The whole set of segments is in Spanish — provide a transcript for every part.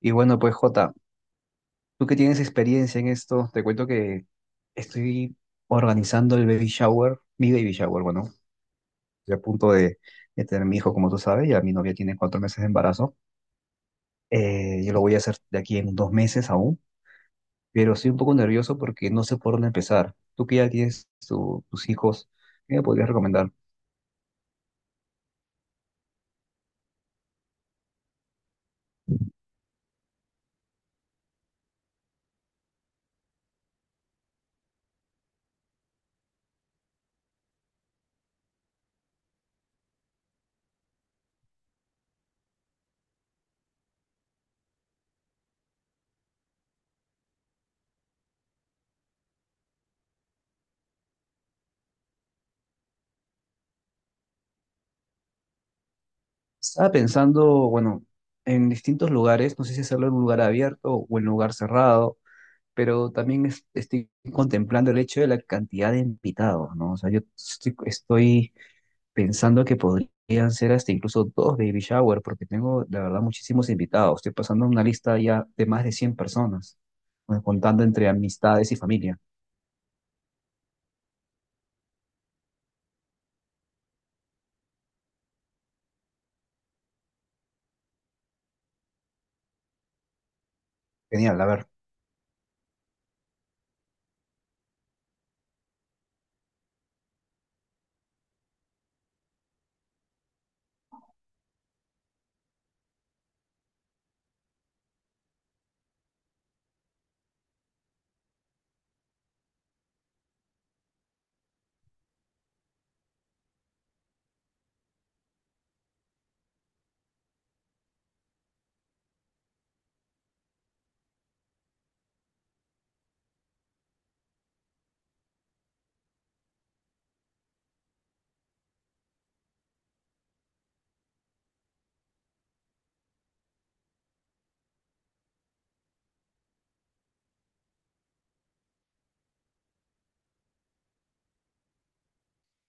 Y bueno, pues Jota, tú que tienes experiencia en esto, te cuento que estoy organizando el baby shower, mi baby shower, bueno, estoy a punto de tener mi hijo, como tú sabes, ya mi novia tiene 4 meses de embarazo. Yo lo voy a hacer de aquí en 2 meses aún, pero estoy un poco nervioso porque no sé por dónde empezar. Tú que ya tienes tus hijos, ¿qué me podrías recomendar? Estaba pensando, bueno, en distintos lugares, no sé si hacerlo en un lugar abierto o en un lugar cerrado, pero también estoy contemplando el hecho de la cantidad de invitados, ¿no? O sea, yo estoy pensando que podrían ser hasta incluso dos baby shower, porque tengo, la verdad, muchísimos invitados. Estoy pasando una lista ya de más de 100 personas, bueno, contando entre amistades y familia. Genial, a ver.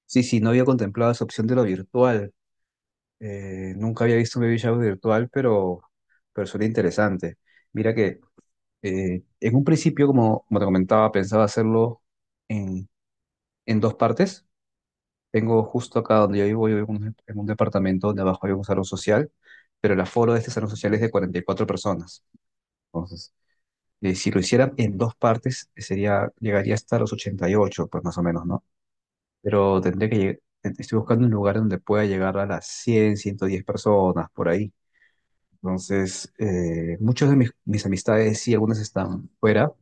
Sí, sí, no había contemplado esa opción de lo virtual. Nunca había visto un baby shower virtual, pero suena interesante. Mira que en un principio, como te comentaba, pensaba hacerlo en en dos partes. Tengo justo acá donde yo vivo en un departamento donde abajo hay un salón social, pero el aforo de este salón social es de 44 personas. Entonces, si lo hicieran en dos partes, llegaría hasta los 88 pues más o menos, ¿no? Pero tendría que llegar, estoy buscando un lugar donde pueda llegar a las 100 a 110 personas, por ahí. Entonces, muchos de mis amistades, sí, algunas están fuera,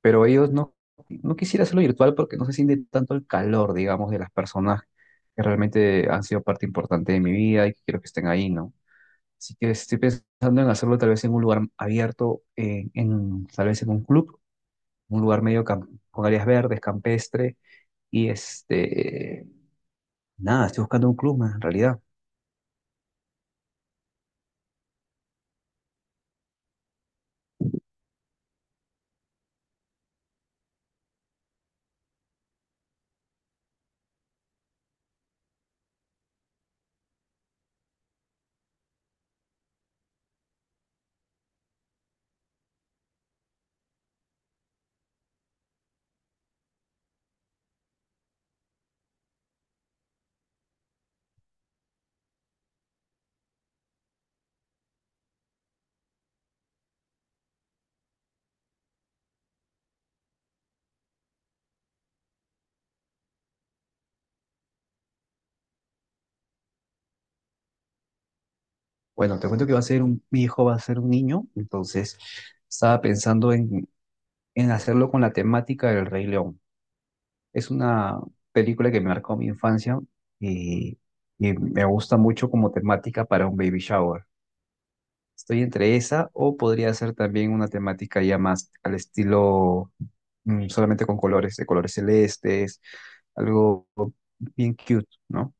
pero ellos no, no quisiera hacerlo virtual porque no se siente tanto el calor, digamos, de las personas que realmente han sido parte importante de mi vida y que quiero que estén ahí, ¿no? Así que estoy pensando en hacerlo tal vez en un lugar abierto, tal vez en un club, un lugar medio con áreas verdes, campestre, y este, nada, estoy buscando un club más en realidad. Bueno, te cuento que va a ser un, mi hijo va a ser un niño, entonces estaba pensando en hacerlo con la temática del Rey León. Es una película que me marcó mi infancia y, y me gusta mucho como temática para un baby shower. Estoy entre esa o podría ser también una temática ya más al estilo solamente con colores, de colores celestes, algo bien cute, ¿no?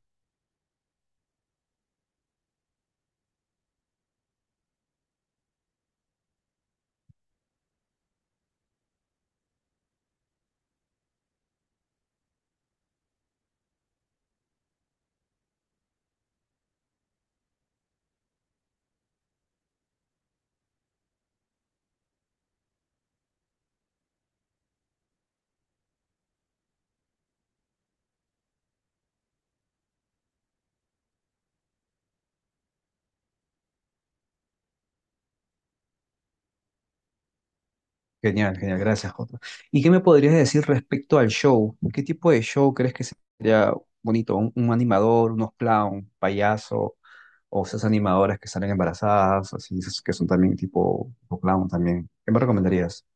Genial, genial, gracias, Jota. ¿Y qué me podrías decir respecto al show? ¿Qué tipo de show crees que sería bonito? ¿Un animador, unos clown, payaso? ¿O esas animadoras que salen embarazadas, así, esas que son también tipo clown también? ¿Qué me recomendarías?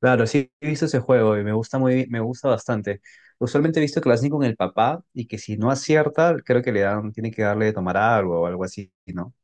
Claro, sí he visto ese juego y me gusta bastante. Usualmente he visto que lo hacen con el papá y que si no acierta, creo que le dan, tiene que darle de tomar algo o algo así, ¿no?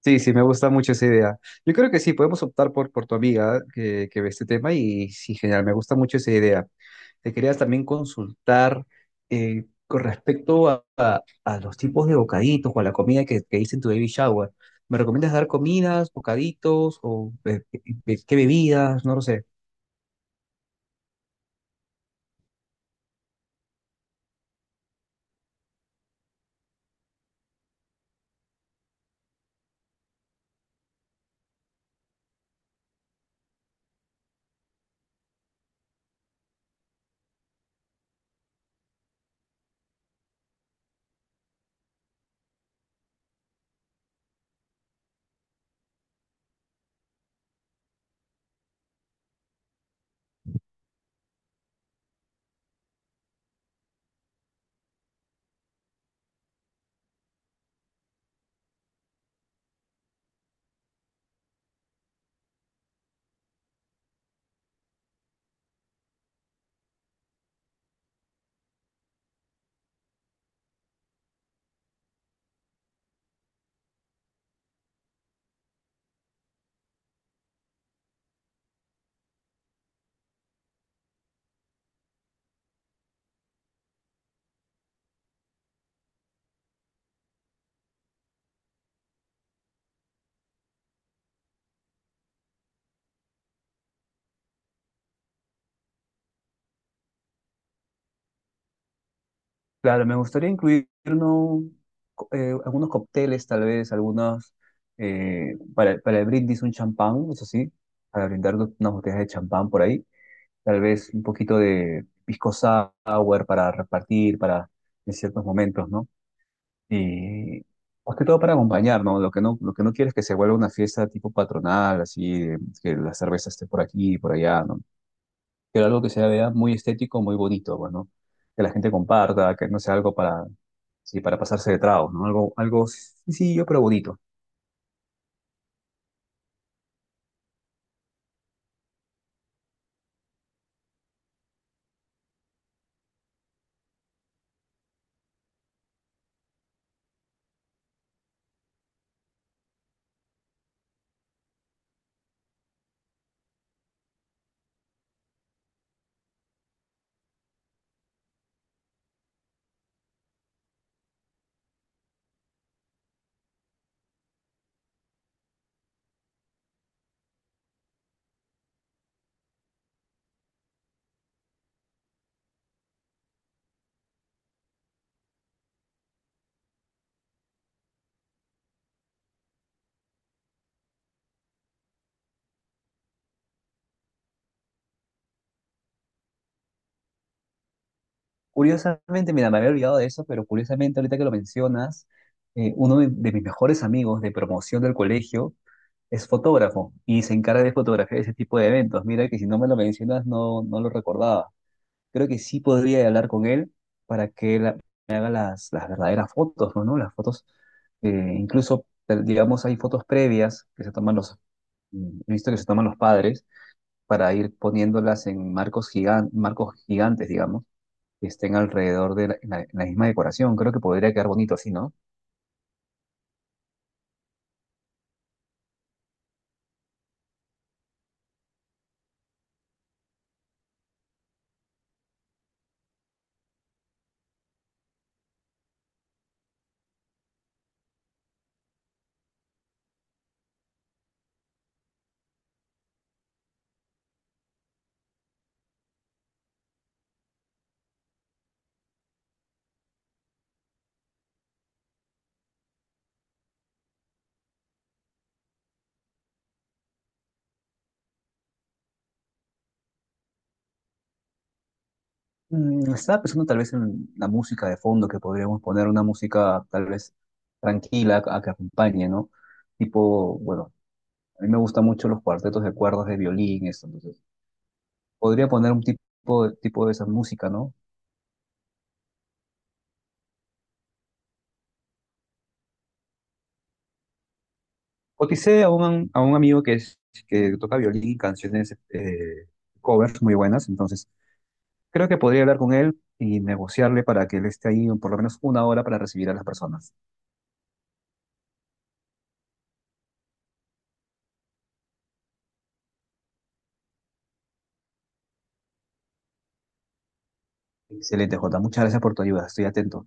Sí, sí, me gusta mucho esa idea. Yo creo que sí, podemos optar por tu amiga que ve este tema y sí, genial, me gusta mucho esa idea. Te quería también consultar con respecto a los tipos de bocaditos o a la comida que hice en tu baby shower. ¿Me recomiendas dar comidas, bocaditos o qué bebidas? No lo sé. Claro, me gustaría incluir algunos cócteles, tal vez, algunos para el brindis, un champán, eso sí, para brindar unas botellas de champán por ahí. Tal vez un poquito de pisco sour para repartir para en ciertos momentos, ¿no? Y más que todo para acompañar, ¿no? Lo que no quiero es que se vuelva una fiesta tipo patronal, así, de que la cerveza esté por aquí y por allá, ¿no? Quiero algo que se vea muy estético, muy bonito, bueno, que la gente comparta, que no sea algo para, sí, para pasarse de tragos, ¿no? Algo, algo sencillo, pero bonito. Curiosamente, mira, me había olvidado de eso, pero curiosamente, ahorita que lo mencionas, uno de mis mejores amigos de promoción del colegio es fotógrafo y se encarga de fotografiar ese tipo de eventos. Mira que si no me lo mencionas, no, no lo recordaba. Creo que sí podría hablar con él para que me haga las verdaderas fotos, ¿no? Las fotos, incluso, digamos, hay fotos previas que se toman los, he visto que se toman los padres para ir poniéndolas en marcos gigantes, digamos, que estén alrededor de la, en la, en la- misma decoración. Creo que podría quedar bonito así, ¿no? Estaba pensando tal vez en la música de fondo, que podríamos poner una música tal vez tranquila a que acompañe, ¿no? Tipo, bueno. A mí me gustan mucho los cuartetos de cuerdas de violín, eso. Entonces, podría poner un tipo de esa música, ¿no? Coticé a a un amigo que toca violín y canciones, covers muy buenas, entonces creo que podría hablar con él y negociarle para que él esté ahí por lo menos 1 hora para recibir a las personas. Excelente, Jota. Muchas gracias por tu ayuda. Estoy atento.